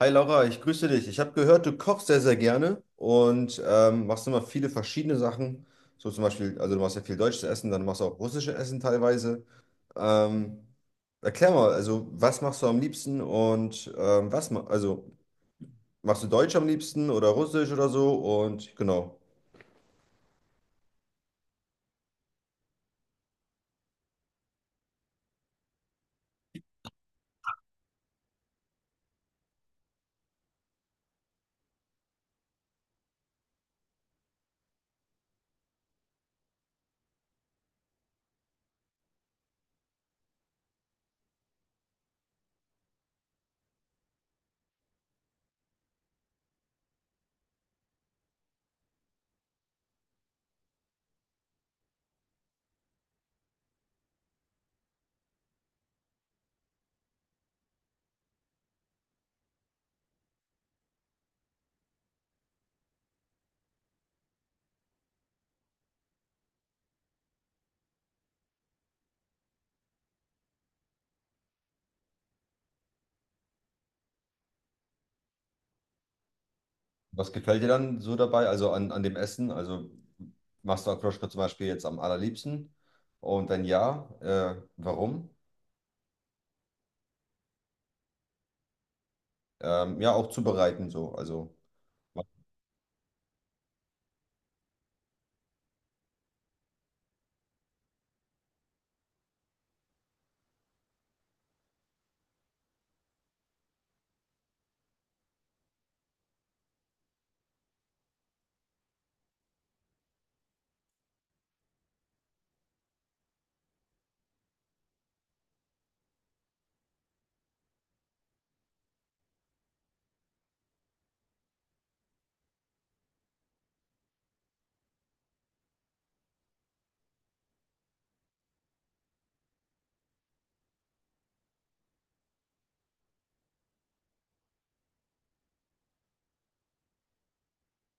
Hi Laura, ich grüße dich. Ich habe gehört, du kochst sehr, sehr gerne und machst immer viele verschiedene Sachen. So zum Beispiel, also du machst ja viel deutsches Essen, dann machst du auch russisches Essen teilweise. Ähm, Erklär mal, also was machst du am liebsten und was, ma also machst du Deutsch am liebsten oder Russisch oder so und genau. Was gefällt dir dann so dabei, also an dem Essen? Also machst du Akroschka zum Beispiel jetzt am allerliebsten? Und wenn ja, warum? Ja, auch zubereiten so, also.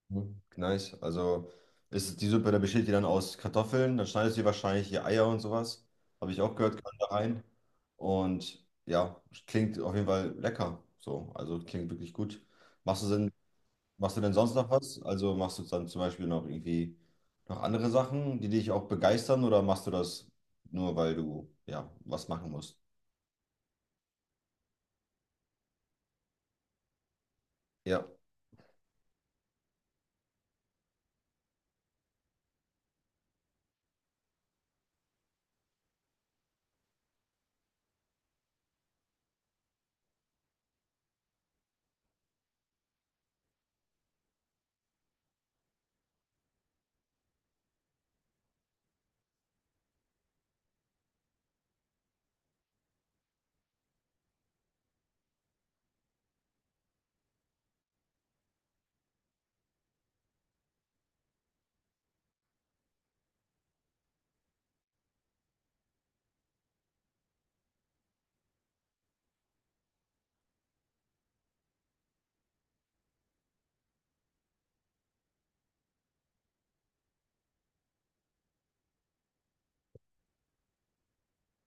Mhm. Nice. Also ist die Suppe, da besteht die dann aus Kartoffeln, dann schneidest du dir wahrscheinlich die Eier und sowas. Habe ich auch gehört, kann da rein. Und ja, klingt auf jeden Fall lecker. So, also klingt wirklich gut. Machst du denn, machst du denn sonst noch was? Also machst du dann zum Beispiel noch irgendwie noch andere Sachen, die dich auch begeistern oder machst du das nur, weil du ja was machen musst? Ja.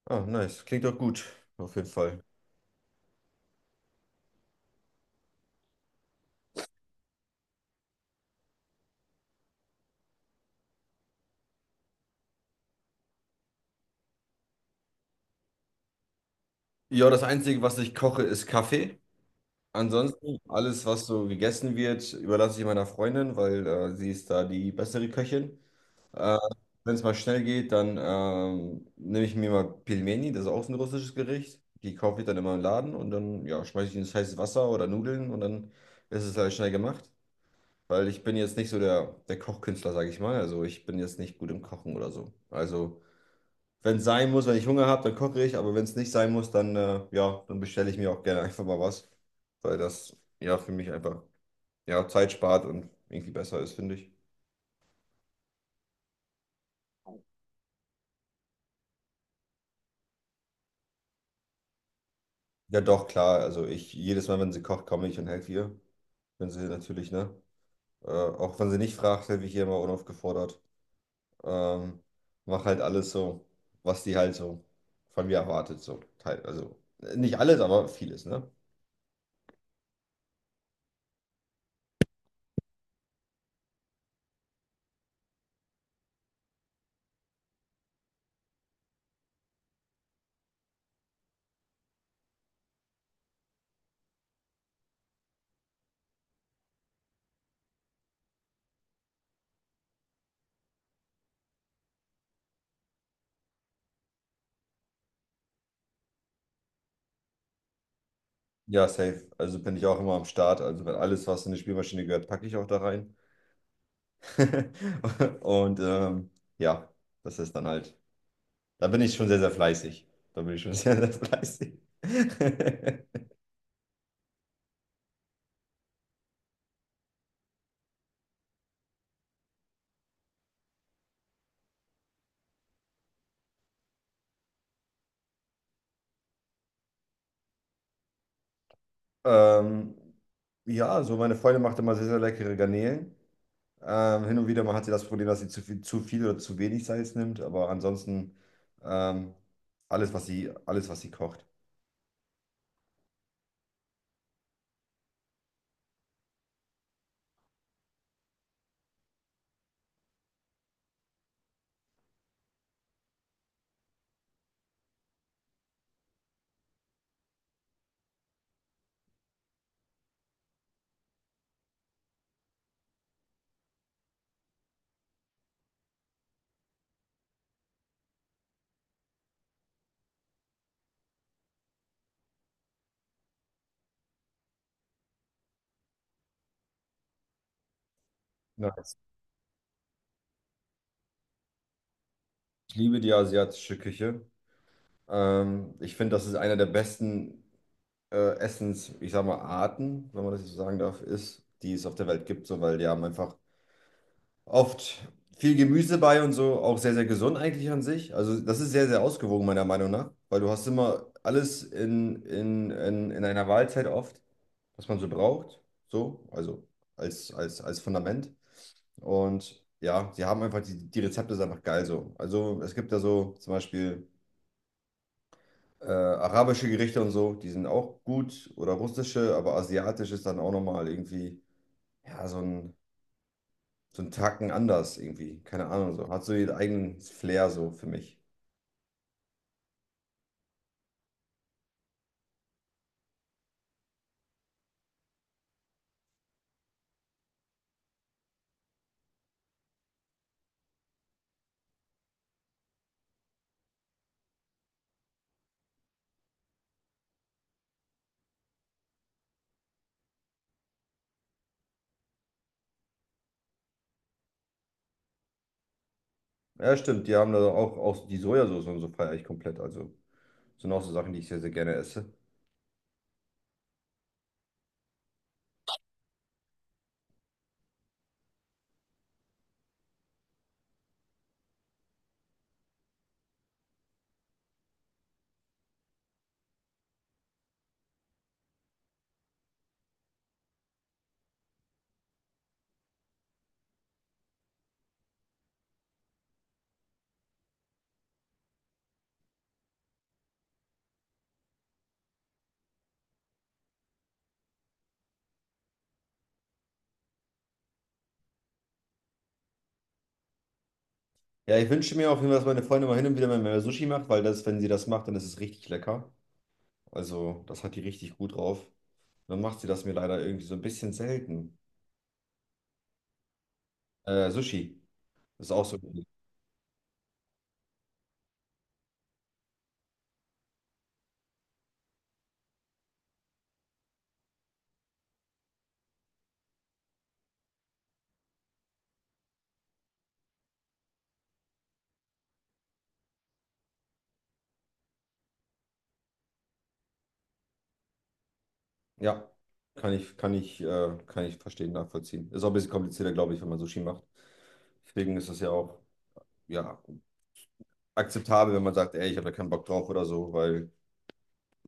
Ah, nice. Klingt doch gut, auf jeden Fall. Ja, das Einzige, was ich koche, ist Kaffee. Ansonsten, alles, was so gegessen wird, überlasse ich meiner Freundin, weil sie ist da die bessere Köchin. Äh, Wenn es mal schnell geht, dann nehme ich mir mal Pilmeni, das ist auch so ein russisches Gericht. Die kaufe ich dann immer im Laden und dann ja, schmeiße ich ins heiße Wasser oder Nudeln und dann ist es halt schnell gemacht. Weil ich bin jetzt nicht so der Kochkünstler, sage ich mal. Also ich bin jetzt nicht gut im Kochen oder so. Also wenn es sein muss, wenn ich Hunger habe, dann koche ich, aber wenn es nicht sein muss, dann, ja, dann bestelle ich mir auch gerne einfach mal was, weil das ja für mich einfach ja, Zeit spart und irgendwie besser ist, finde ich. Ja, doch, klar, also ich, jedes Mal, wenn sie kocht, komme ich und helfe ihr, wenn sie natürlich, ne, auch wenn sie nicht fragt, helfe ich ihr immer unaufgefordert, ähm, mach halt alles so, was die halt so von mir erwartet, so, nicht alles, aber vieles, ne? Ja, safe, also bin ich auch immer am Start, also wenn alles, was in die Spielmaschine gehört, packe ich auch da rein. Und ja, das ist dann halt, da bin ich schon sehr, sehr fleißig. Da bin ich schon sehr, sehr fleißig. Ähm, ja, so meine Freundin macht immer sehr, sehr leckere Garnelen. Hin und wieder mal hat sie das Problem, dass sie zu viel oder zu wenig Salz nimmt, aber ansonsten ähm, alles, was sie kocht. Nice. Ich liebe die asiatische Küche. Ich finde, das ist einer der besten. Essens, ich sag mal, Arten, wenn man das so sagen darf, ist, die es auf der Welt gibt, so, weil die haben einfach oft viel Gemüse bei und so, auch sehr, sehr gesund eigentlich an sich. Also das ist sehr, sehr ausgewogen, meiner Meinung nach, weil du hast immer alles in einer Mahlzeit oft, was man so braucht, so, also als Fundament. Und ja, sie haben einfach, die Rezepte sind einfach geil so. Also es gibt da so zum Beispiel. Arabische Gerichte und so, die sind auch gut. Oder russische, aber asiatisch ist dann auch nochmal irgendwie, ja, so ein Tacken anders irgendwie. Keine Ahnung, so. Hat so ihren eigenen Flair so für mich. Ja, stimmt, die haben da auch die Sojasauce und so feiere ich komplett. Also, sind auch so Sachen, die ich sehr, sehr gerne esse. Ja, ich wünsche mir auf jeden Fall, dass meine Freundin mal hin und wieder mal mehr Sushi macht, weil das, wenn sie das macht, dann ist es richtig lecker. Also, das hat die richtig gut drauf. Dann macht sie das mir leider irgendwie so ein bisschen selten. Sushi ist auch so. Ja, kann ich verstehen, nachvollziehen. Ist auch ein bisschen komplizierter, glaube ich, wenn man Sushi macht. Deswegen ist es ja auch, ja, akzeptabel, wenn man sagt, ey, ich habe da keinen Bock drauf oder so, weil,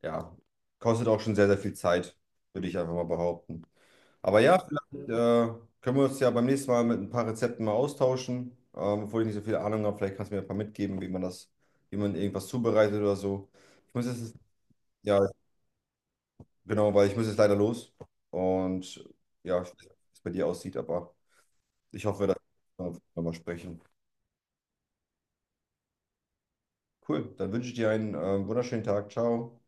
ja, kostet auch schon sehr, sehr viel Zeit, würde ich einfach mal behaupten. Aber ja, vielleicht können wir uns ja beim nächsten Mal mit ein paar Rezepten mal austauschen, obwohl ich nicht so viel Ahnung habe. Vielleicht kannst du mir ein paar mitgeben, wie man das, wie man irgendwas zubereitet oder so. Ich muss jetzt, ja, Genau, weil ich muss jetzt leider los. Und ja, ich weiß nicht, wie es bei dir aussieht, aber ich hoffe, dass wir nochmal sprechen. Cool, dann wünsche ich dir einen wunderschönen Tag. Ciao.